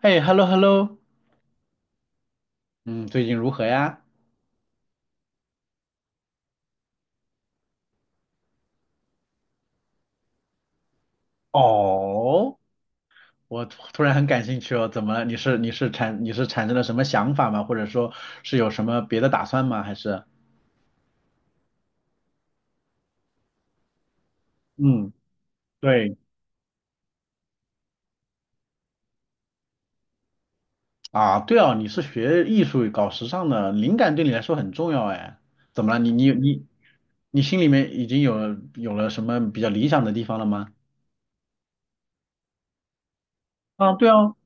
哎，hello hello，嗯，最近如何呀？哦，我突然很感兴趣哦，怎么了？你是产生了什么想法吗？或者说是有什么别的打算吗？还是？嗯，对，啊，对哦，你是学艺术搞时尚的，灵感对你来说很重要哎。怎么了？你心里面已经有了什么比较理想的地方了吗？啊，对哦，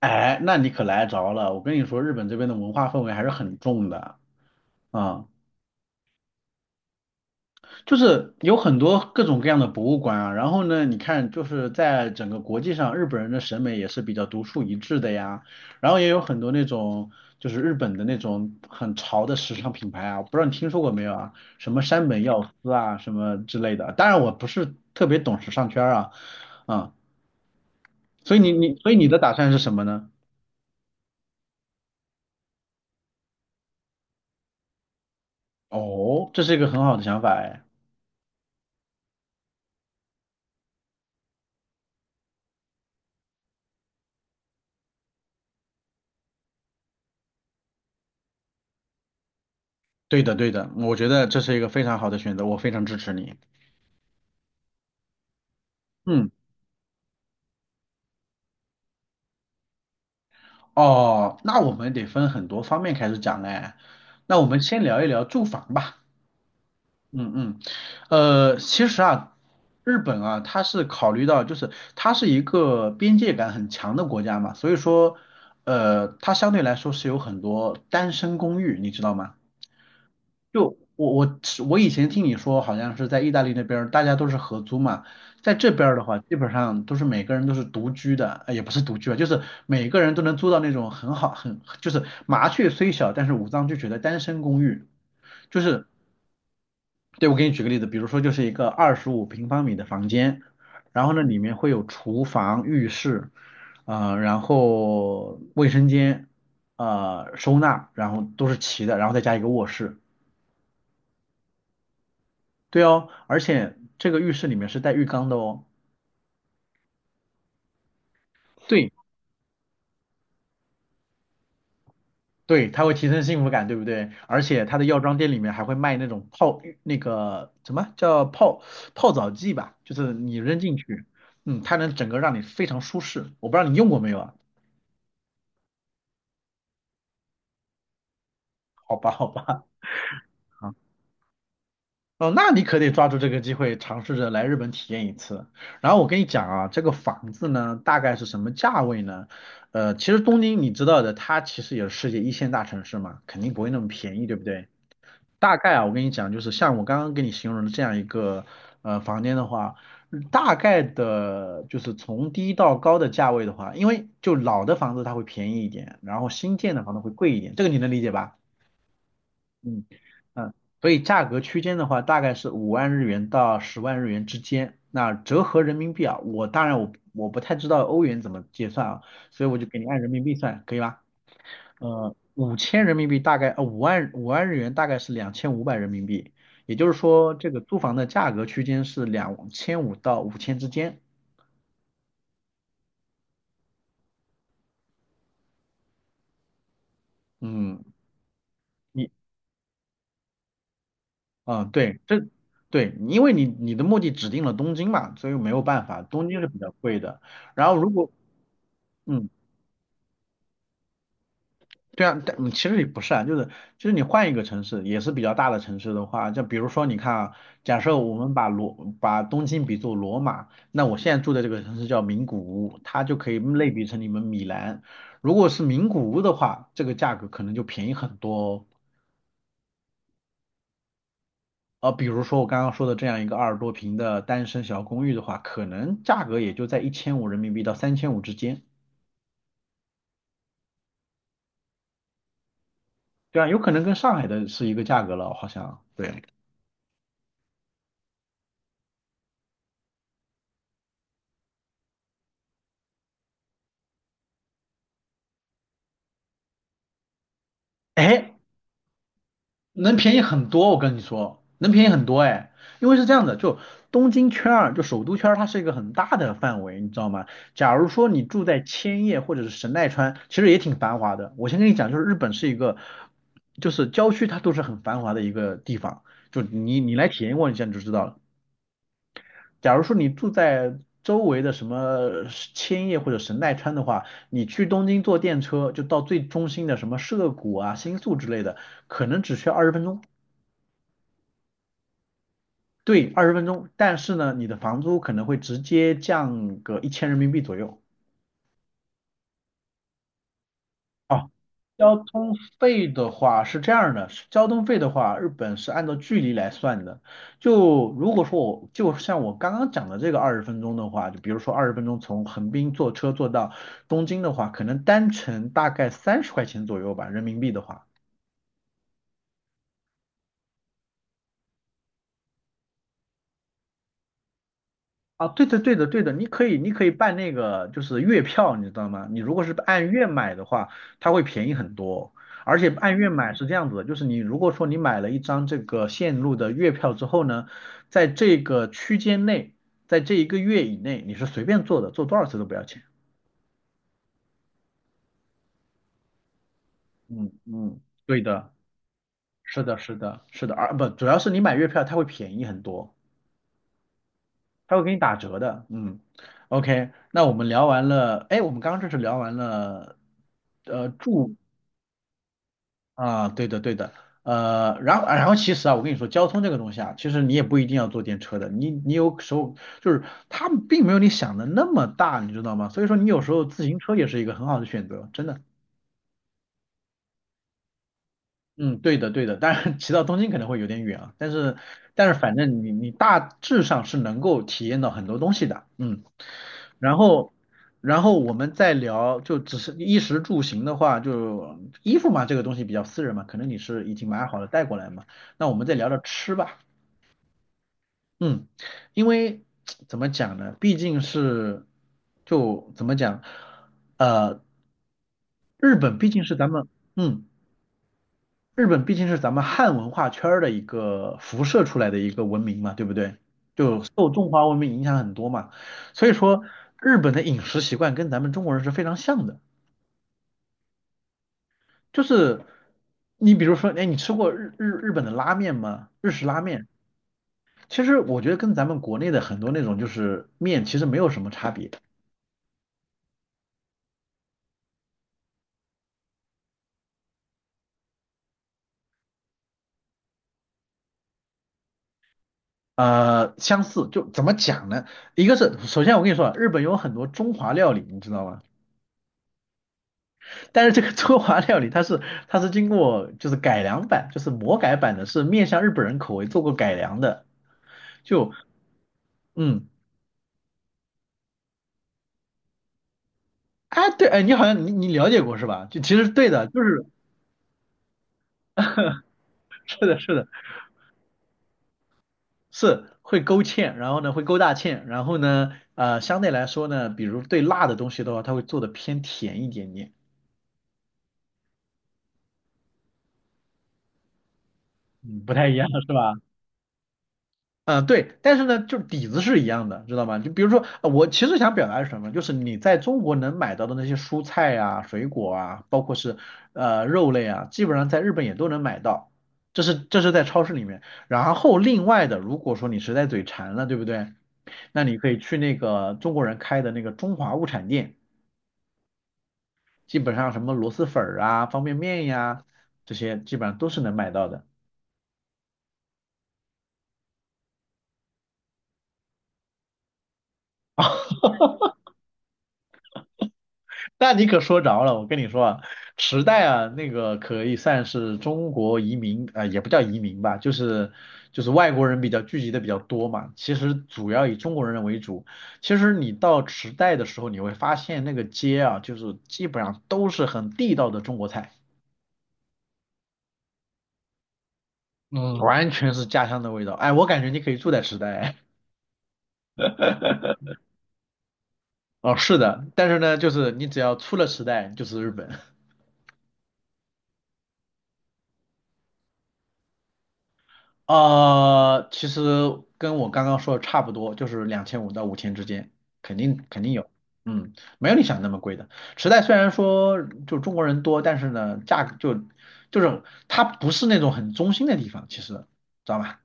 哎，那你可来着了。我跟你说，日本这边的文化氛围还是很重的啊。就是有很多各种各样的博物馆啊，然后呢，你看就是在整个国际上，日本人的审美也是比较独树一帜的呀，然后也有很多那种就是日本的那种很潮的时尚品牌啊，我不知道你听说过没有啊？什么山本耀司啊，什么之类的。当然我不是特别懂时尚圈儿啊，啊、所以你的打算是什么呢？哦，这是一个很好的想法哎，对的对的，我觉得这是一个非常好的选择，我非常支持你。嗯。哦，那我们得分很多方面开始讲嘞。那我们先聊一聊住房吧。嗯嗯，其实啊，日本啊，它是考虑到就是它是一个边界感很强的国家嘛，所以说，它相对来说是有很多单身公寓，你知道吗？就我以前听你说，好像是在意大利那边儿大家都是合租嘛，在这边儿的话，基本上都是每个人都是独居的，也不是独居啊，就是每个人都能租到那种很好就是麻雀虽小，但是五脏俱全的单身公寓。就是对，我给你举个例子，比如说就是一个25平方米的房间，然后呢里面会有厨房、浴室，然后卫生间，收纳，然后都是齐的，然后再加一个卧室。对哦，而且这个浴室里面是带浴缸的哦。对，对，它会提升幸福感，对不对？而且它的药妆店里面还会卖那种泡浴那个什么叫泡澡剂吧，就是你扔进去，嗯，它能整个让你非常舒适。我不知道你用过没有啊？好吧，好吧，哦，那你可得抓住这个机会，尝试着来日本体验一次。然后我跟你讲啊，这个房子呢，大概是什么价位呢？其实东京你知道的，它其实也是世界一线大城市嘛，肯定不会那么便宜，对不对？大概啊，我跟你讲，就是像我刚刚给你形容的这样一个房间的话，大概的就是从低到高的价位的话，因为就老的房子它会便宜一点，然后新建的房子会贵一点，这个你能理解吧？嗯嗯，所以价格区间的话，大概是五万日元到10万日元之间。那折合人民币啊，我当然不太知道欧元怎么结算啊，所以我就给你按人民币算，可以吧？5000人民币大概，五万日元大概是2500人民币，也就是说，这个租房的价格区间是两千五到五千之间。嗯，你，啊对，这，对，因为你的目的指定了东京嘛，所以没有办法，东京是比较贵的。然后如果，嗯，对啊，但其实也不是啊，就是你换一个城市，也是比较大的城市的话，就比如说你看啊，假设我们把东京比作罗马，那我现在住的这个城市叫名古屋，它就可以类比成你们米兰。如果是名古屋的话，这个价格可能就便宜很多哦。比如说我刚刚说的这样一个20多平的单身小公寓的话，可能价格也就在1500人民币到3500之间。对啊，有可能跟上海的是一个价格了，好像。对。哎，能便宜很多，我跟你说，能便宜很多哎，因为是这样的，就东京圈儿，就首都圈儿，它是一个很大的范围，你知道吗？假如说你住在千叶或者是神奈川，其实也挺繁华的。我先跟你讲，就是日本是一个，就是郊区它都是很繁华的一个地方，就你来体验过一下你就知道了。假如说你住在周围的什么千叶或者神奈川的话，你去东京坐电车就到最中心的什么涉谷啊、新宿之类的，可能只需要二十分钟。对，二十分钟，但是呢，你的房租可能会直接降个1000人民币左右。哦，交通费的话是这样的，是交通费的话，日本是按照距离来算的。就如果说我就像我刚刚讲的这个二十分钟的话，就比如说二十分钟从横滨坐车坐到东京的话，可能单程大概30块钱左右吧，人民币的话。啊，对的，对的，对的，你可以办那个就是月票，你知道吗？你如果是按月买的话，它会便宜很多。而且按月买是这样子的，就是你如果说你买了一张这个线路的月票之后呢，在这个区间内，在这一个月以内，你是随便坐的，坐多少次都不要钱。嗯嗯，对的，是的，是的，是的，而不主要是你买月票它会便宜很多。他会给你打折的，嗯，OK，那我们聊完了，哎，我们刚刚这是聊完了，住啊，对的对的，然后其实啊，我跟你说，交通这个东西啊，其实你也不一定要坐电车的，你有时候就是它并没有你想的那么大，你知道吗？所以说你有时候自行车也是一个很好的选择，真的。嗯，对的，对的，当然骑到东京可能会有点远啊，但是反正你大致上是能够体验到很多东西的，嗯，然后然后我们再聊，就只是衣食住行的话，就衣服嘛，这个东西比较私人嘛，可能你是已经买好了带过来嘛，那我们再聊聊吃吧，嗯，因为怎么讲呢，毕竟是就怎么讲，呃，日本毕竟是咱们。嗯，日本毕竟是咱们汉文化圈儿的一个辐射出来的一个文明嘛，对不对？就受中华文明影响很多嘛，所以说日本的饮食习惯跟咱们中国人是非常像的。就是你比如说，哎，你吃过日本的拉面吗？日式拉面，其实我觉得跟咱们国内的很多那种就是面其实没有什么差别，相似。就怎么讲呢？一个是首先我跟你说啊日本有很多中华料理，你知道吗？但是这个中华料理它是 它是经过就是改良版，就是魔改版的，是面向日本人口味做过改良的。就嗯，哎对，哎你好像你了解过是吧？就其实对的，就是 是的是的是会勾芡，然后呢会勾大芡，然后呢相对来说呢，比如对辣的东西的话，它会做的偏甜一点点，嗯，不太一样是吧？嗯，对，但是呢，就是底子是一样的，知道吗？就比如说，我其实想表达是什么，就是你在中国能买到的那些蔬菜啊、水果啊，包括是肉类啊，基本上在日本也都能买到，这是在超市里面。然后另外的，如果说你实在嘴馋了，对不对？那你可以去那个中国人开的那个中华物产店，基本上什么螺蛳粉儿啊、方便面呀、这些基本上都是能买到的。那你可说着了，我跟你说啊，池袋啊，那个可以算是中国移民，啊、也不叫移民吧，就是外国人比较聚集的比较多嘛。其实主要以中国人为主。其实你到池袋的时候，你会发现那个街啊，就是基本上都是很地道的中国菜，嗯，完全是家乡的味道。哎，我感觉你可以住在池袋。哦，是的，但是呢，就是你只要出了池袋，就是日本。其实跟我刚刚说的差不多，就是两千五到五千之间，肯定有，嗯，没有你想的那么贵的。池袋虽然说就中国人多，但是呢，价格就是它不是那种很中心的地方，其实知道吧？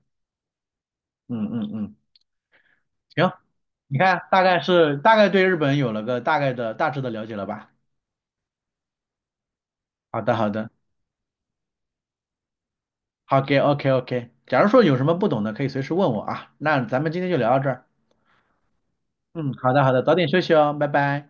嗯嗯嗯，行，你看大概对日本有了个大概的大致的了解了吧？好的好的，OK OK，假如说有什么不懂的，可以随时问我啊。那咱们今天就聊到这儿，嗯，好的好的，早点休息哦，拜拜。